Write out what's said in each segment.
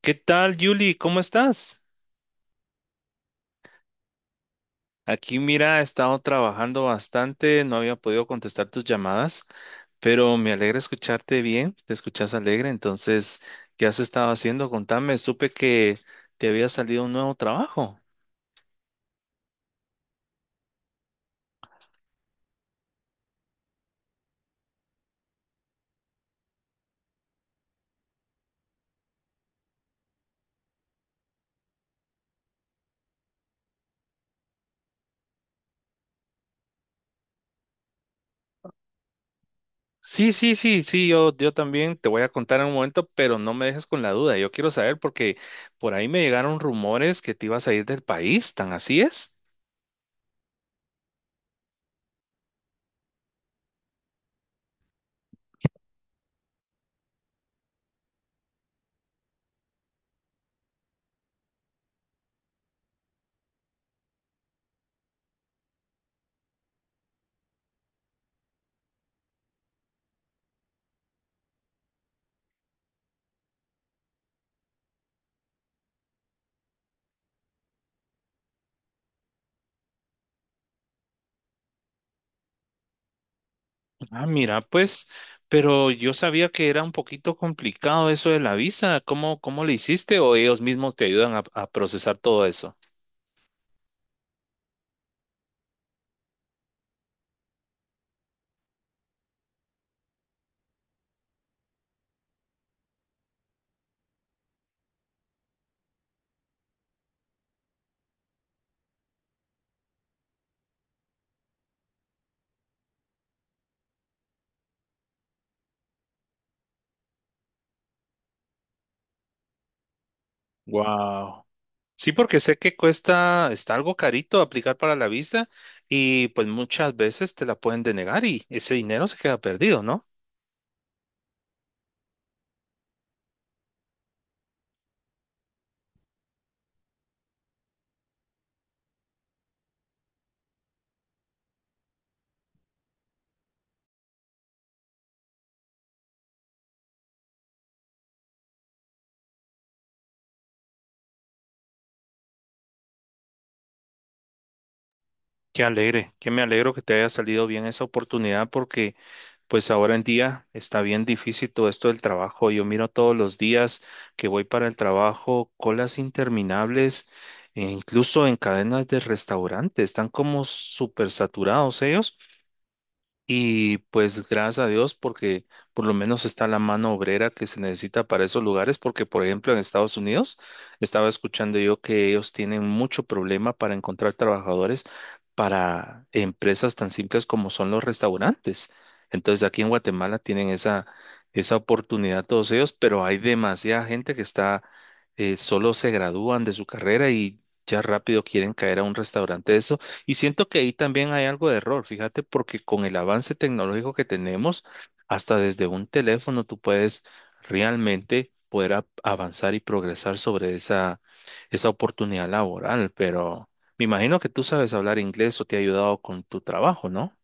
¿Qué tal, Yuli? ¿Cómo estás? Aquí, mira, he estado trabajando bastante, no había podido contestar tus llamadas, pero me alegra escucharte bien, te escuchas alegre. Entonces, ¿qué has estado haciendo? Contame, supe que te había salido un nuevo trabajo. Sí, sí, sí, sí, yo también te voy a contar en un momento, pero no me dejes con la duda, yo quiero saber porque por ahí me llegaron rumores que te ibas a ir del país. ¿Tan así es? Ah, mira, pues, pero yo sabía que era un poquito complicado eso de la visa. ¿Cómo le hiciste, o ellos mismos te ayudan a procesar todo eso? Wow. Sí, porque sé que cuesta, está algo carito aplicar para la visa, y pues muchas veces te la pueden denegar y ese dinero se queda perdido, ¿no? Qué alegre, que me alegro que te haya salido bien esa oportunidad, porque pues ahora en día está bien difícil todo esto del trabajo. Yo miro todos los días que voy para el trabajo, colas interminables, e incluso en cadenas de restaurantes, están como súper saturados ellos. Y pues gracias a Dios, porque por lo menos está la mano obrera que se necesita para esos lugares, porque por ejemplo en Estados Unidos estaba escuchando yo que ellos tienen mucho problema para encontrar trabajadores para empresas tan simples como son los restaurantes. Entonces aquí en Guatemala tienen esa, esa oportunidad todos ellos, pero hay demasiada gente que está, solo se gradúan de su carrera y ya rápido quieren caer a un restaurante. Eso, y siento que ahí también hay algo de error, fíjate, porque con el avance tecnológico que tenemos, hasta desde un teléfono tú puedes realmente poder avanzar y progresar sobre esa, esa oportunidad laboral. Pero me imagino que tú sabes hablar inglés, o te ha ayudado con tu trabajo, ¿no?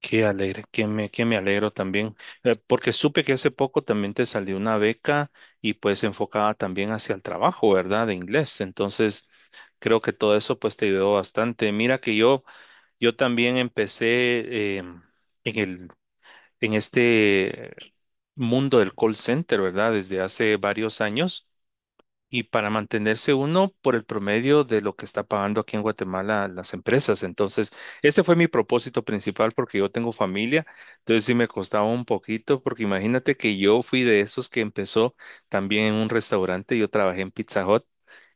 Qué alegre, que me alegro también, porque supe que hace poco también te salió una beca y pues enfocada también hacia el trabajo, ¿verdad? De inglés. Entonces, creo que todo eso pues te ayudó bastante. Mira que yo... Yo también empecé eh, en el, en este mundo del call center, ¿verdad? Desde hace varios años, y para mantenerse uno por el promedio de lo que está pagando aquí en Guatemala las empresas. Entonces, ese fue mi propósito principal, porque yo tengo familia, entonces sí me costaba un poquito, porque imagínate que yo fui de esos que empezó también en un restaurante. Yo trabajé en Pizza Hut.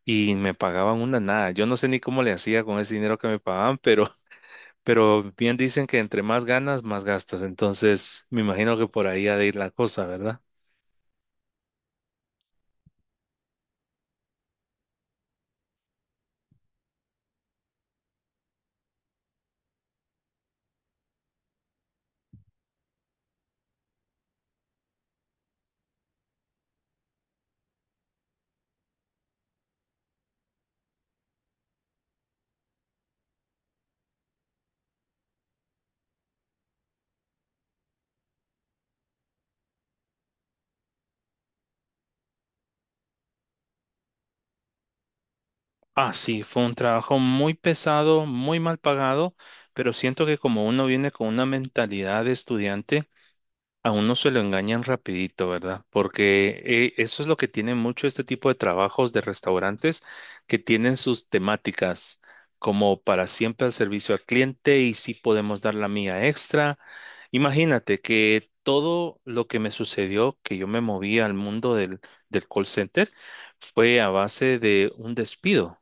Y me pagaban una nada. Yo no sé ni cómo le hacía con ese dinero que me pagaban, pero bien dicen que entre más ganas, más gastas. Entonces, me imagino que por ahí ha de ir la cosa, ¿verdad? Ah, sí, fue un trabajo muy pesado, muy mal pagado, pero siento que como uno viene con una mentalidad de estudiante, a uno se lo engañan rapidito, ¿verdad? Porque eso es lo que tiene mucho este tipo de trabajos de restaurantes, que tienen sus temáticas como para siempre al servicio al cliente, y si podemos dar la mía extra. Imagínate que todo lo que me sucedió, que yo me moví al mundo del, del call center, fue a base de un despido,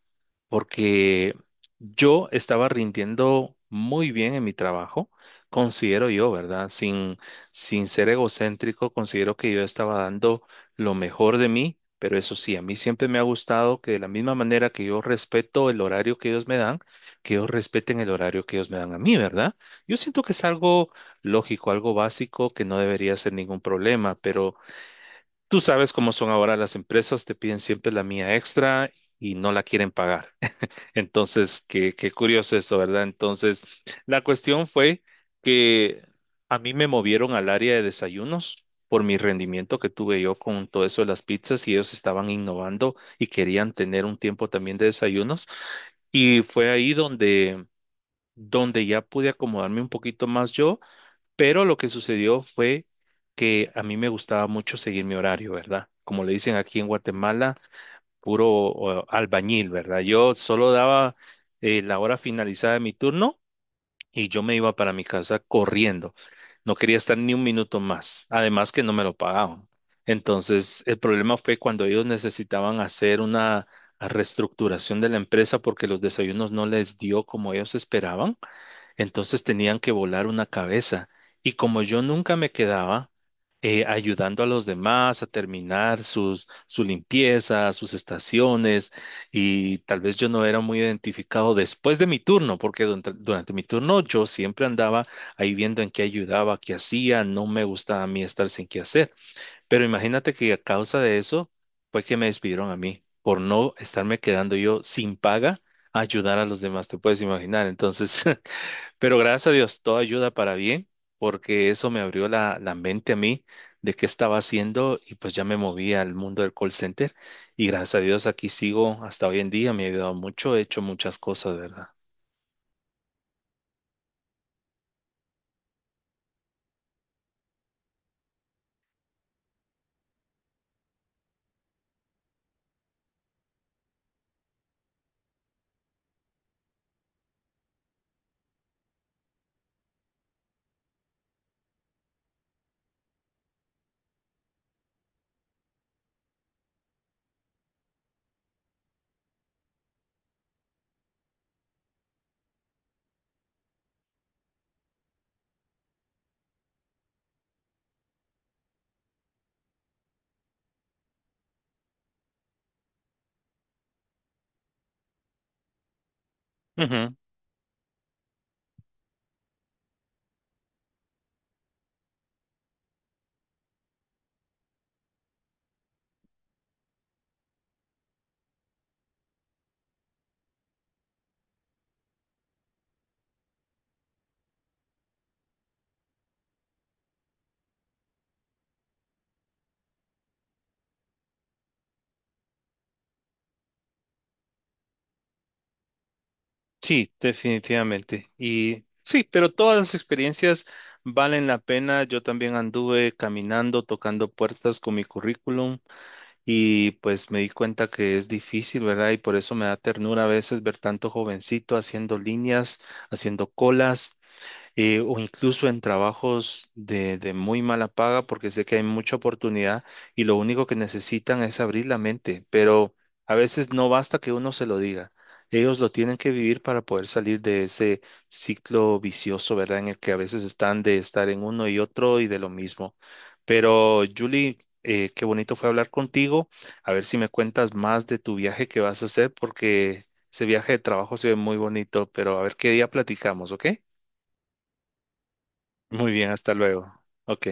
porque yo estaba rindiendo muy bien en mi trabajo, considero yo, ¿verdad? Sin ser egocéntrico, considero que yo estaba dando lo mejor de mí, pero eso sí, a mí siempre me ha gustado que de la misma manera que yo respeto el horario que ellos me dan, que ellos respeten el horario que ellos me dan a mí, ¿verdad? Yo siento que es algo lógico, algo básico, que no debería ser ningún problema, pero tú sabes cómo son ahora las empresas, te piden siempre la mía extra y no la quieren pagar. Entonces, qué, qué curioso eso, ¿verdad? Entonces, la cuestión fue que a mí me movieron al área de desayunos por mi rendimiento que tuve yo con todo eso de las pizzas, y ellos estaban innovando y querían tener un tiempo también de desayunos. Y fue ahí donde, donde ya pude acomodarme un poquito más yo, pero lo que sucedió fue que a mí me gustaba mucho seguir mi horario, ¿verdad? Como le dicen aquí en Guatemala, puro o, albañil, ¿verdad? Yo solo daba la hora finalizada de mi turno y yo me iba para mi casa corriendo. No quería estar ni un minuto más, además que no me lo pagaban. Entonces, el problema fue cuando ellos necesitaban hacer una reestructuración de la empresa, porque los desayunos no les dio como ellos esperaban. Entonces tenían que volar una cabeza. Y como yo nunca me quedaba ayudando a los demás a terminar sus, su limpieza, sus estaciones, y tal vez yo no era muy identificado después de mi turno, porque durante mi turno yo siempre andaba ahí viendo en qué ayudaba, qué hacía, no me gustaba a mí estar sin qué hacer. Pero imagínate que a causa de eso fue que me despidieron a mí, por no estarme quedando yo sin paga a ayudar a los demás, te puedes imaginar. Entonces, pero gracias a Dios, todo ayuda para bien, porque eso me abrió la, la mente a mí de qué estaba haciendo, y pues ya me moví al mundo del call center y gracias a Dios aquí sigo hasta hoy en día. Me ha ayudado mucho, he hecho muchas cosas, ¿verdad? Ujú. Sí, definitivamente. Y sí, pero todas las experiencias valen la pena. Yo también anduve caminando, tocando puertas con mi currículum, y pues me di cuenta que es difícil, ¿verdad? Y por eso me da ternura a veces ver tanto jovencito haciendo líneas, haciendo colas, o incluso en trabajos de muy mala paga, porque sé que hay mucha oportunidad y lo único que necesitan es abrir la mente, pero a veces no basta que uno se lo diga. Ellos lo tienen que vivir para poder salir de ese ciclo vicioso, ¿verdad? En el que a veces están de estar en uno y otro y de lo mismo. Pero, Julie, qué bonito fue hablar contigo. A ver si me cuentas más de tu viaje que vas a hacer, porque ese viaje de trabajo se ve muy bonito, pero a ver qué día platicamos, ¿ok? Muy bien, hasta luego. Ok.